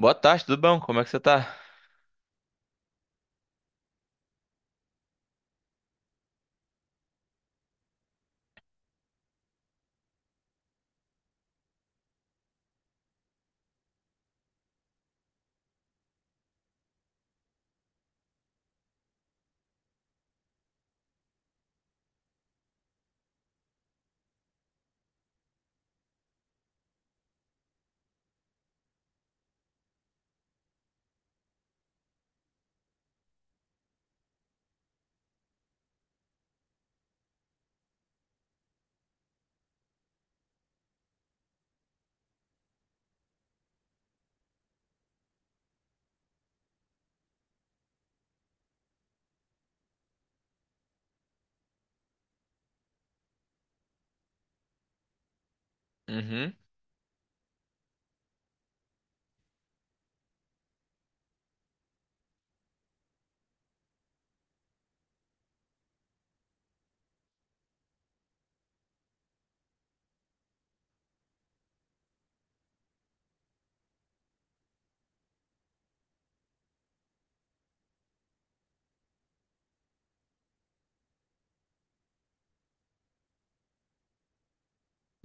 Boa tarde, tudo bom? Como é que você tá? Uhum,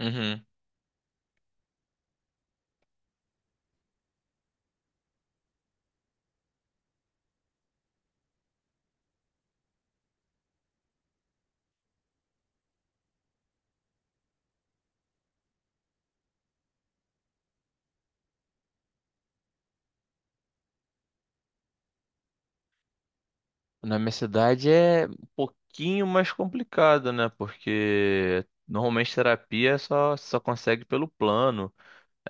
uhum. Na minha cidade é um pouquinho mais complicado, né? Porque normalmente terapia só consegue pelo plano.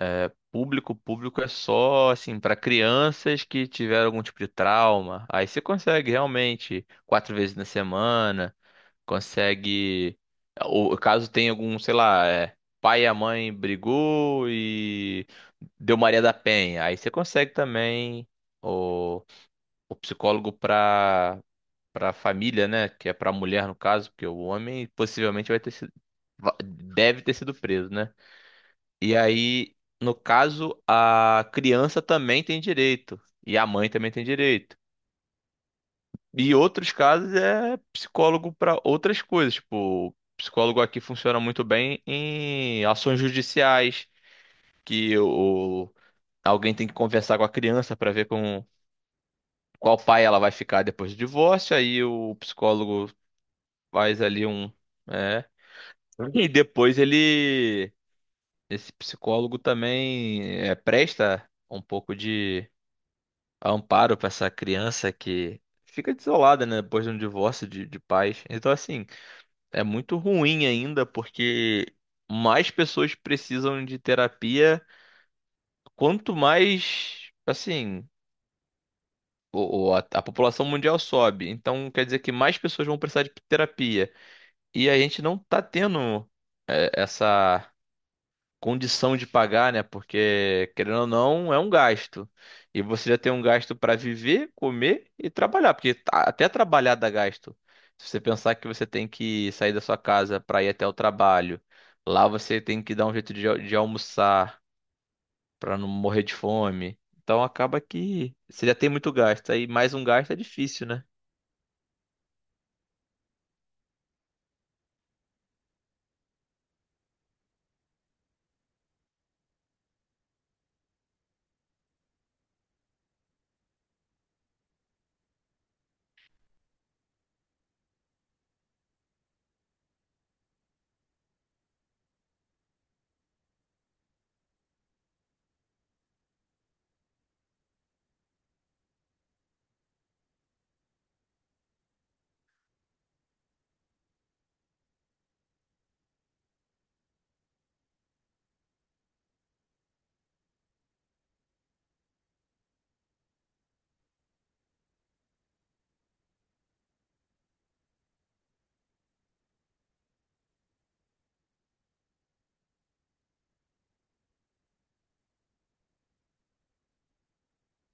É, público é só assim para crianças que tiveram algum tipo de trauma. Aí você consegue realmente 4 vezes na semana. Consegue. Ou caso tenha algum, sei lá, pai e a mãe brigou e deu Maria da Penha, aí você consegue também o, o psicólogo para família, né? Que é para mulher no caso, porque o homem possivelmente vai ter sido, deve ter sido preso, né? E aí, no caso, a criança também tem direito e a mãe também tem direito. E outros casos é psicólogo para outras coisas. Tipo, o psicólogo aqui funciona muito bem em ações judiciais, que o, alguém tem que conversar com a criança para ver com qual pai ela vai ficar depois do divórcio. Aí o psicólogo faz ali um. É, e depois ele. Esse psicólogo também presta um pouco de amparo para essa criança que fica desolada, né, depois de um divórcio de pais. Então, assim. É muito ruim ainda, porque mais pessoas precisam de terapia, quanto mais, assim, a população mundial sobe. Então, quer dizer que mais pessoas vão precisar de terapia. E a gente não tá tendo é, essa. Condição de pagar, né? Porque, querendo ou não, é um gasto. E você já tem um gasto para viver, comer e trabalhar, porque até trabalhar dá gasto. Se você pensar que você tem que sair da sua casa para ir até o trabalho, lá você tem que dar um jeito de almoçar para não morrer de fome. Então acaba que você já tem muito gasto. Aí mais um gasto é difícil, né?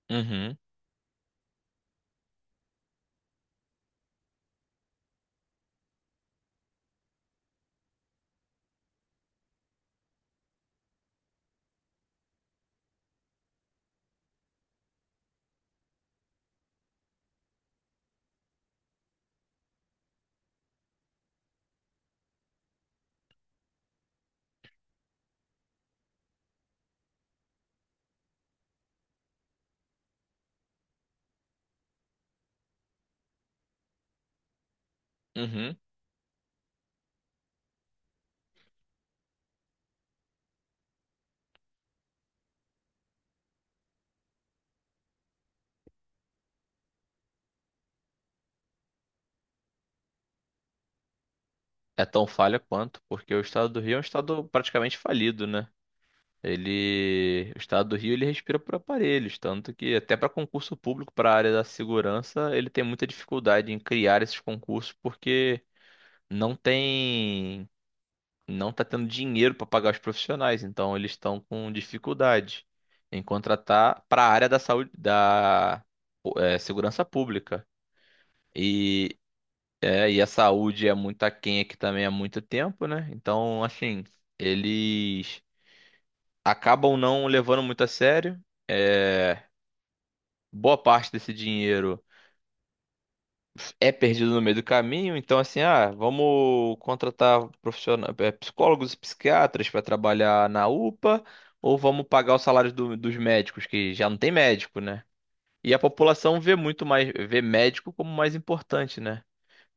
Uhum. uhum. É tão falha quanto, porque o estado do Rio é um estado praticamente falido, né? Ele, o estado do Rio, ele respira por aparelhos, tanto que até para concurso público, para a área da segurança, ele tem muita dificuldade em criar esses concursos porque não tem, não tá tendo dinheiro para pagar os profissionais, então eles estão com dificuldade em contratar para a área da saúde, da segurança pública. E e a saúde é muito aquém aqui também há muito tempo, né? Então, assim, eles acabam não levando muito a sério. É, boa parte desse dinheiro é perdido no meio do caminho. Então, assim, ah, vamos contratar profissionais, é, psicólogos e psiquiatras para trabalhar na UPA, ou vamos pagar o salário dos médicos, que já não tem médico, né? E a população vê muito mais, vê médico como mais importante, né?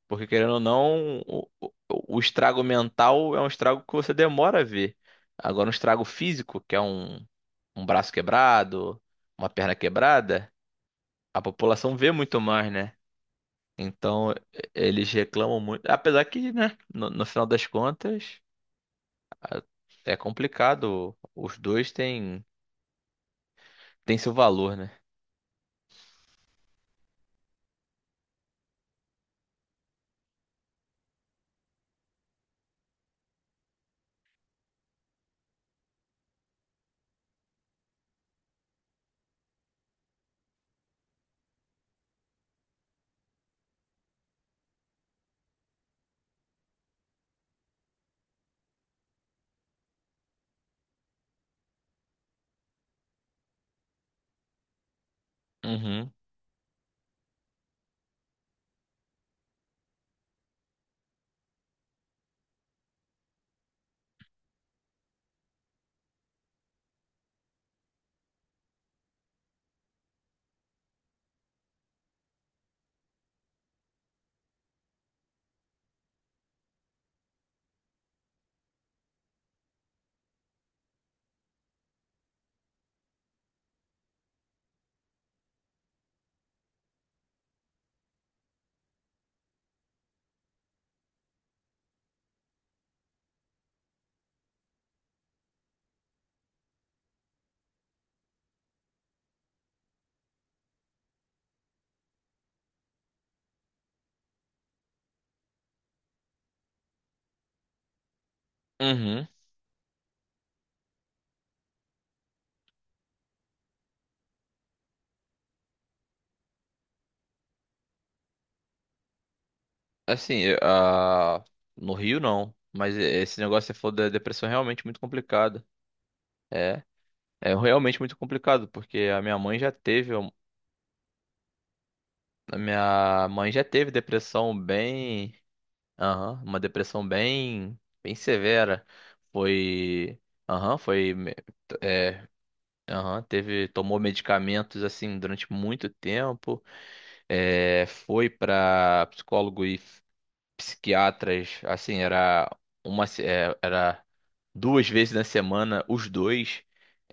Porque querendo ou não, o estrago mental é um estrago que você demora a ver. Agora, um estrago físico, que é um braço quebrado, uma perna quebrada, a população vê muito mais, né? Então, eles reclamam muito. Apesar que, né, no final das contas, a- é complicado. Têm seu valor, né? Uhum, uhum. Assim, eu- ah, no Rio não. Mas esse negócio que você falou da depressão é realmente muito complicado. É, é realmente muito complicado, porque a minha mãe já teve, a minha mãe já teve depressão bem, aham, uma depressão bem, bem severa. Foi, aham, foi, t- é, aham, teve, tomou medicamentos assim durante muito tempo. É, foi para psicólogo e psiquiatras, assim, era uma, se- é, era duas vezes na semana, os dois.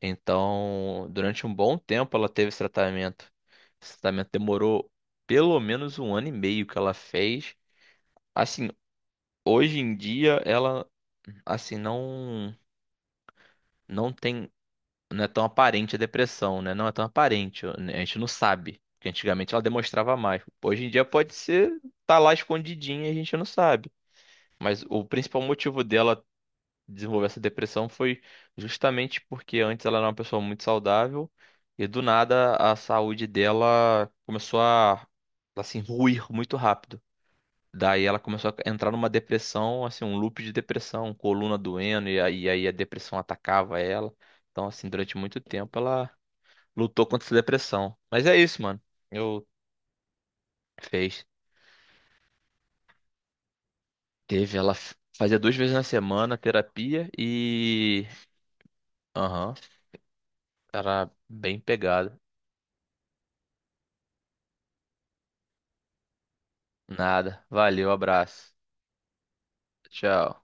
Então, durante um bom tempo ela teve esse tratamento. Esse tratamento demorou pelo menos 1 ano e meio que ela fez. Assim, hoje em dia ela, assim, não, não tem, não é tão aparente a depressão, né? Não é tão aparente, né? A gente não sabe. Porque antigamente ela demonstrava mais. Hoje em dia pode ser, tá lá escondidinha, e a gente não sabe. Mas o principal motivo dela desenvolver essa depressão foi justamente porque antes ela era uma pessoa muito saudável e do nada a saúde dela começou a assim ruir muito rápido. Daí ela começou a entrar numa depressão, assim, um loop de depressão, coluna doendo e aí a depressão atacava ela. Então, assim, durante muito tempo ela lutou contra essa depressão. Mas é isso, mano. Eu Fez, teve ela fazia 2 vezes na semana terapia e aham, era bem pegada. Nada. Valeu, abraço. Tchau.